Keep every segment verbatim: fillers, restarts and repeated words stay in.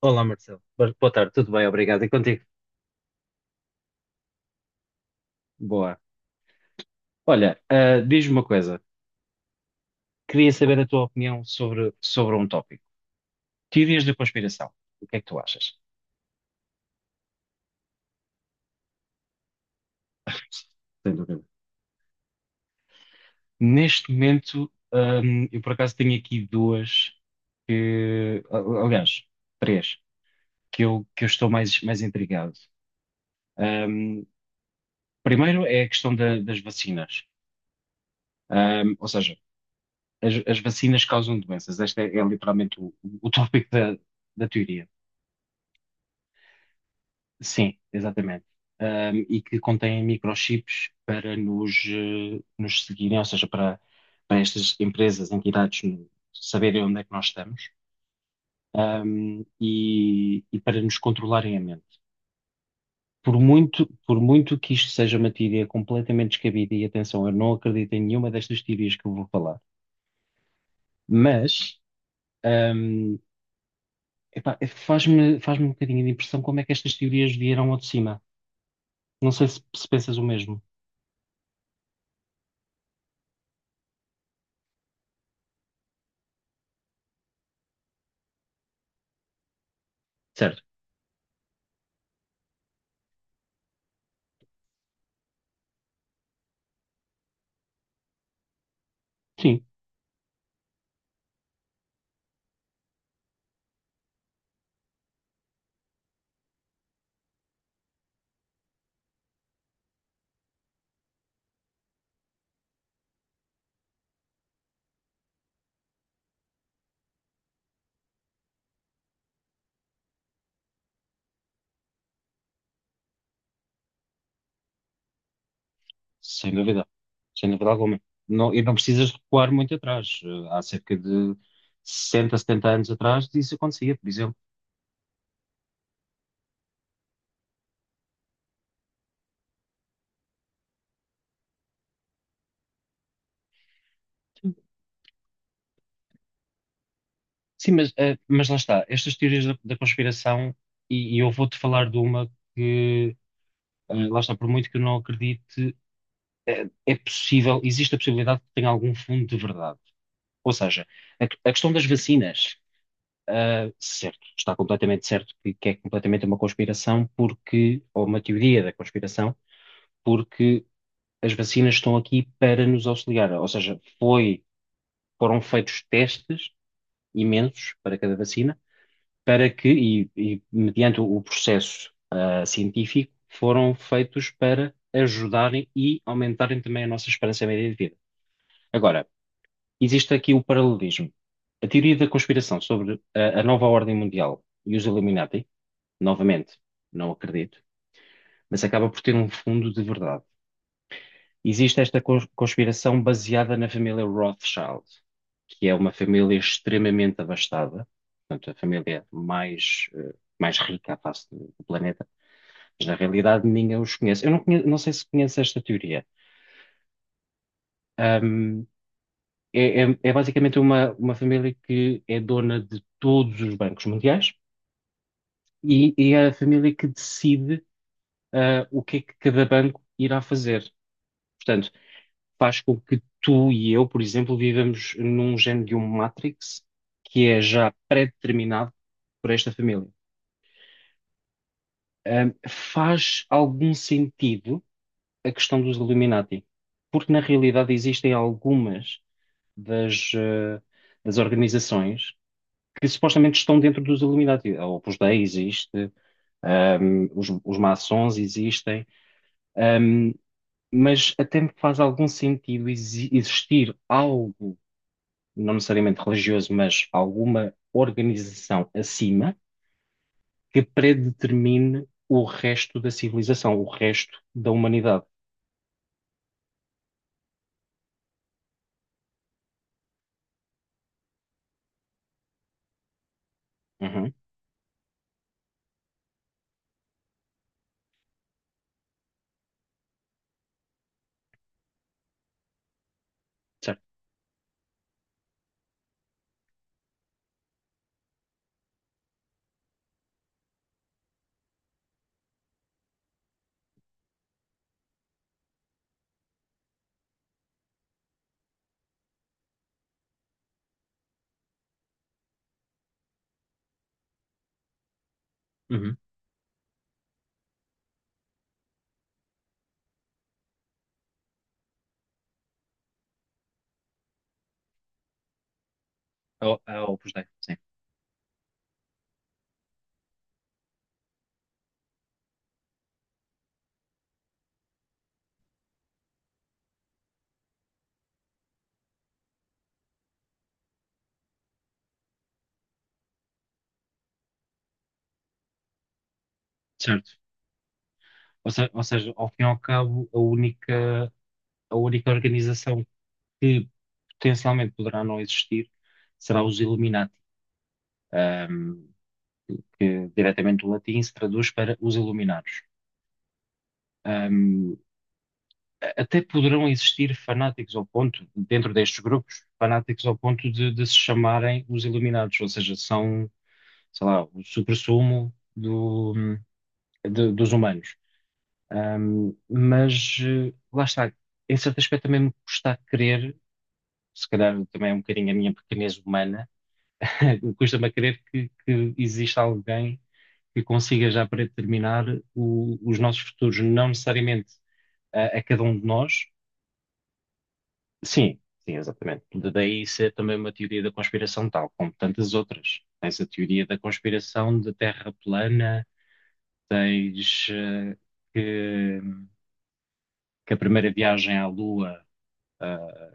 Olá, Marcelo. Bo- Boa tarde, tudo bem? Obrigado. E contigo? Boa. Olha, ah, diz-me uma coisa. Queria saber a tua opinião sobre, sobre um tópico. Teorias da conspiração. O que é que tu achas? Sem dúvida. Neste momento, ahm, eu por acaso tenho aqui duas que, a- aliás, três, que eu, que eu estou mais, mais intrigado. Ahm, primeiro é a questão da- das vacinas. Ahm, ou seja, as, as vacinas causam doenças. Este é, é literalmente o, o tópico da, da teoria. Sim, exatamente. Ahm, e que contém microchips para nos, eh, nos seguirem, ou seja, para, para estas empresas, entidades, no- saberem onde é que nós estamos, ahm, e, e para nos controlarem a mente. Por muito, por muito que isto seja uma teoria completamente descabida, e atenção, eu não acredito em nenhuma destas teorias que eu vou falar, mas, ahm, epá, é, faz-me, faz-me um bocadinho de impressão como é que estas teorias vieram ao de cima. Não sei se, se pensas o mesmo. Certo. Sim. Sem dúvida, sem dúvida alguma. Não, e não precisas recuar muito atrás. Eh, Há cerca de sessenta, setenta anos atrás isso acontecia, por exemplo. Sim, mas, eh, mas lá está. Estas teorias da, da conspiração, e, e eu vou-te falar de uma que, eh, lá está, por muito que eu não acredite, eh, é, possível, existe a possibilidade que tenha algum fundo de verdade. Ou seja, a, a questão das vacinas, eh, certo, está completamente certo que que é completamente uma conspiração, porque, ou uma teoria da conspiração porque as vacinas estão aqui para nos auxiliar. Ou seja, foi, foram feitos testes imensos para cada vacina, para que, e, e mediante o processo, ah, científico, foram feitos para ajudarem e aumentarem também a nossa esperança média de vida. Agora, existe aqui o paralelismo. A teoria da conspiração sobre a, a nova ordem mundial e os Illuminati, novamente, não acredito, mas acaba por ter um fundo de verdade. Existe esta cons- conspiração baseada na família Rothschild, que é uma família extremamente abastada, portanto, a família mais, eh, mais rica à face do do planeta, mas na realidade ninguém os conhece. Eu não, conhe- não sei se conhece esta teoria. Ahm, é, é- é basicamente uma, uma família que é dona de todos os bancos mundiais e, e é a família que decide, ah, o que é que cada banco irá fazer. Portanto, faz com que tu e eu, por exemplo, vivamos num género de um Matrix que é já pré-determinado por esta família. Ahm, faz algum sentido a questão dos Illuminati, porque na realidade existem algumas das, eh, das organizações que supostamente estão dentro dos Illuminati. A Opus Dei existe, ahm, os, os maçons existem, ahm, mas até me faz algum sentido exi- existir algo não necessariamente religioso, mas alguma organização acima que predetermine o resto da civilização, o resto da humanidade. Uhum, certo. Uhum. A, a Opus Dei, sim. Certo. Ou, se- ou seja, ao fim e ao cabo, a única, a única organização que potencialmente poderá não existir será os Illuminati, ahm, que diretamente do latim se traduz para os iluminados. Até poderão existir fanáticos ao ponto, dentro destes grupos, fanáticos ao ponto de, de se chamarem os iluminados, ou seja, são, sei lá, o suprassumo do, de- dos humanos. Ahm, mas eh, lá está, em certo aspecto também me custa a crer, se calhar também é um bocadinho a minha pequenez humana, custa-me a crer que, que exista alguém que consiga já predeterminar o- os nossos futuros, não necessariamente a a cada um de nós. Sim, sim, exatamente. De- Daí ser também uma teoria da conspiração tal, como tantas outras. Tens a teoria da conspiração de Terra plana, tens eh, que, que a primeira viagem à Lua ah,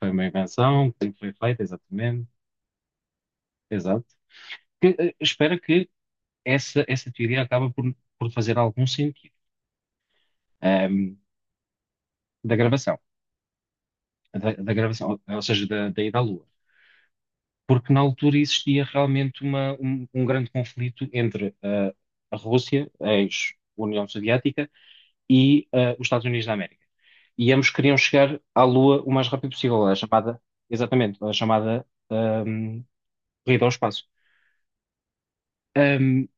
foi uma invenção, que foi feita, exatamente. Exato. Que, eh, espero que essa, essa teoria acabe por, por fazer algum sentido. Ahm, da gravação, da, da gravação, ou ou seja, da, da ida à Lua. Porque na altura existia realmente uma- um, um grande conflito entre ah, a Rússia, a ex-União Soviética, e ah, os Estados Unidos da América. E ambos queriam chegar à Lua o mais rápido possível, a chamada, exatamente, a chamada ahm, corrida ao espaço. Ahm,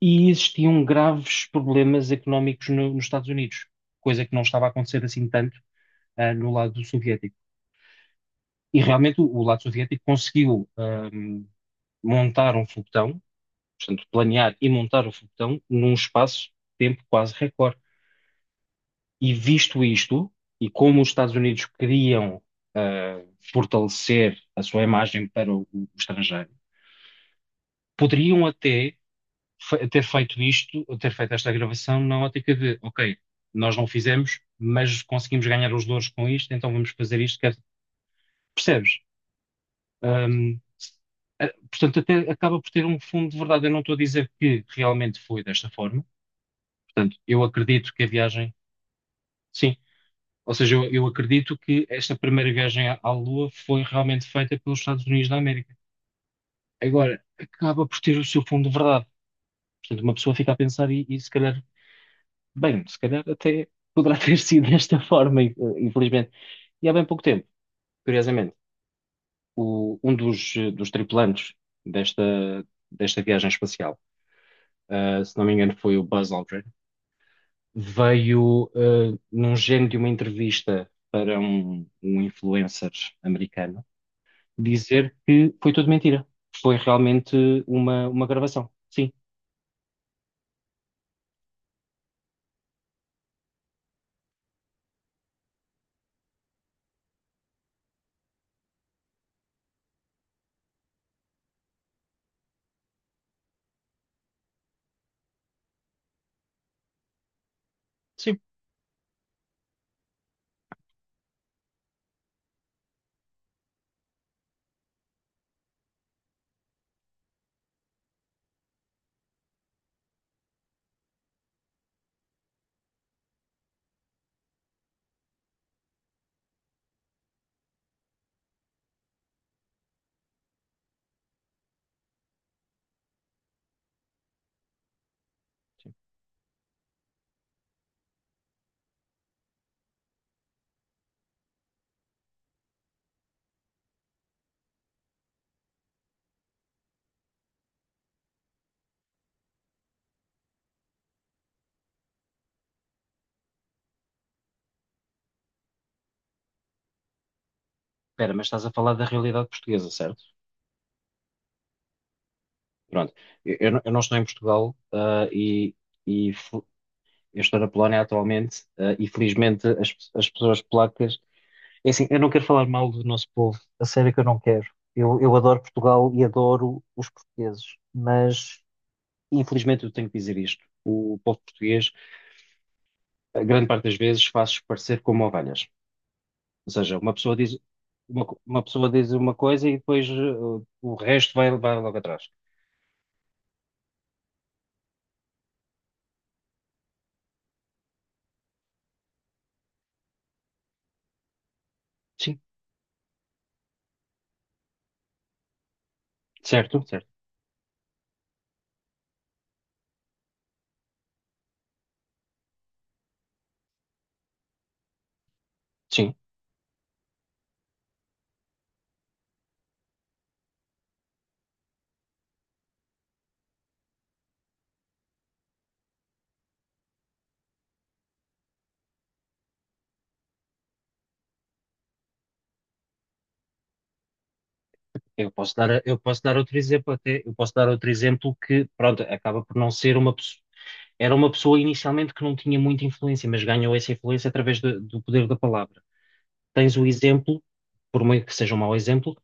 e existiam graves problemas económicos no- nos Estados Unidos, coisa que não estava a acontecer assim tanto ah, no lado soviético. E realmente o, o lado soviético conseguiu, ahm, montar um foguetão. Portanto, planear e montar o foguetão num espaço de tempo quase recorde. E visto isto, e como os Estados Unidos queriam ah, fortalecer a sua imagem para o, o estrangeiro, poderiam até fe- ter feito isto, ou ter feito esta gravação na ótica de, ok, nós não fizemos, mas conseguimos ganhar os louros com isto, então vamos fazer isto. quer- Percebes? Ahm, eh, Portanto, até acaba por ter um fundo de verdade. Eu não estou a dizer que realmente foi desta forma. Portanto, eu acredito que a viagem, sim, ou seja, eu, eu acredito que esta primeira viagem à, à Lua foi realmente feita pelos Estados Unidos da América. Agora, acaba por ter o seu fundo de verdade. Portanto, uma pessoa fica a pensar e, e se calhar, bem, se calhar até poderá ter sido desta forma, eh, infelizmente. E há bem pouco tempo, curiosamente, o- um dos, eh, dos tripulantes desta, desta viagem espacial, eh, se não me engano, foi o Buzz Aldrin. Veio, eh, num género de uma entrevista para um, um influencer americano, dizer que foi tudo mentira. Foi realmente uma, uma gravação. Sim, sim. Espera, mas estás a falar da realidade portuguesa, certo? Pronto. Eu, eu não eu não estou em Portugal, ah, e, e fu- eu estou na Polónia atualmente, ah, e felizmente as, pe- as pessoas polacas. É assim, eu não quero falar mal do nosso povo, a sério que eu não quero. Eu, eu adoro Portugal e adoro os portugueses, mas infelizmente eu tenho que dizer isto. O povo português, a grande parte das vezes, faz parecer como ovelhas. Ou seja, uma pessoa diz uma, co- uma pessoa diz uma coisa e depois uh, o resto vai, vai logo atrás. Sim, certo, certo. Sim, eu posso dar, eu posso dar outro exemplo até, eu posso dar outro exemplo que, pronto, acaba por não ser uma pessoa, era uma pessoa inicialmente que não tinha muita influência, mas ganhou essa influência através do do poder da palavra. Tens o exemplo, por meio que seja um mau exemplo,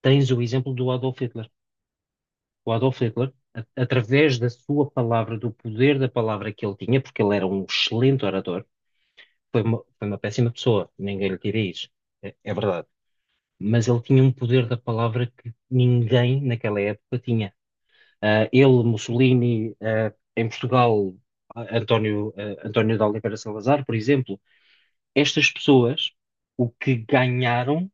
tens o exemplo do Adolf Hitler. O Adolf Hitler, a- através da sua palavra, do poder da palavra que ele tinha, porque ele era um excelente orador, foi uma, foi uma péssima pessoa, ninguém lhe tira isso, é, é verdade. Mas ele tinha um poder da palavra que ninguém naquela época tinha. Ah, ele, Mussolini, ah, em Portugal, ah, António, ah, António de Oliveira Salazar, por exemplo, estas pessoas, o que ganharam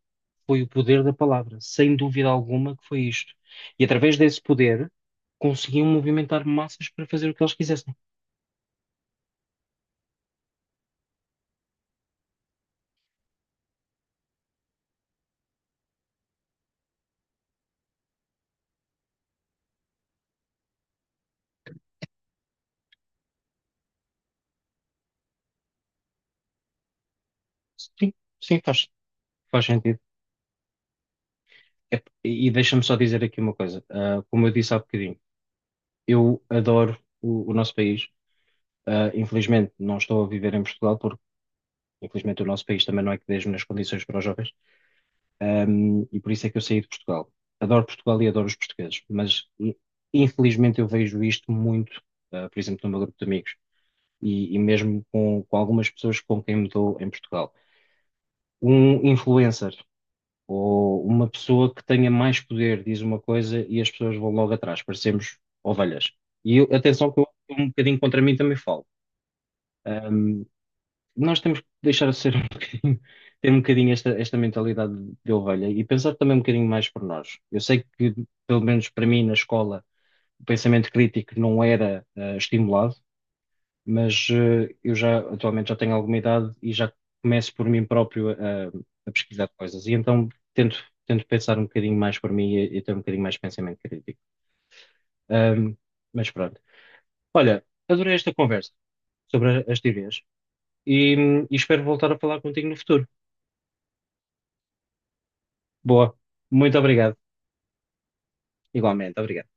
foi o poder da palavra, sem dúvida alguma que foi isto. E através desse poder, conseguiam movimentar massas para fazer o que eles quisessem. Sim, sim, faz, faz sentido. É, e deixa-me só dizer aqui uma coisa. Ah, como eu disse há bocadinho, eu adoro o, o nosso país. Ah, infelizmente, não estou a viver em Portugal, porque infelizmente o nosso país também não é que dê as melhores condições para os jovens. Um, e por isso é que eu saí de Portugal. Adoro Portugal e adoro os portugueses, mas i- infelizmente eu vejo isto muito, uh, por exemplo, no meu grupo de amigos e, e mesmo com, com algumas pessoas com quem me dou em Portugal. Um influencer ou uma pessoa que tenha mais poder diz uma coisa e as pessoas vão logo atrás, parecemos ovelhas. E eu- atenção que eu, um bocadinho contra mim também falo, nós temos que deixar de ser um bocadinho, ter um bocadinho esta, esta mentalidade de ovelha e pensar também um bocadinho mais por nós. Eu sei que, pelo menos para mim, na escola, o pensamento crítico não era ah, estimulado, mas eh, eu já atualmente já tenho alguma idade e já começo por mim próprio a, a pesquisar coisas. E então tento, tento pensar um bocadinho mais por mim e, e ter um bocadinho mais de pensamento crítico. Ahm, mas pronto. Olha, adorei esta conversa sobre a- as teorias e, e espero voltar a falar contigo no futuro. Boa. Muito obrigado. Igualmente, obrigado.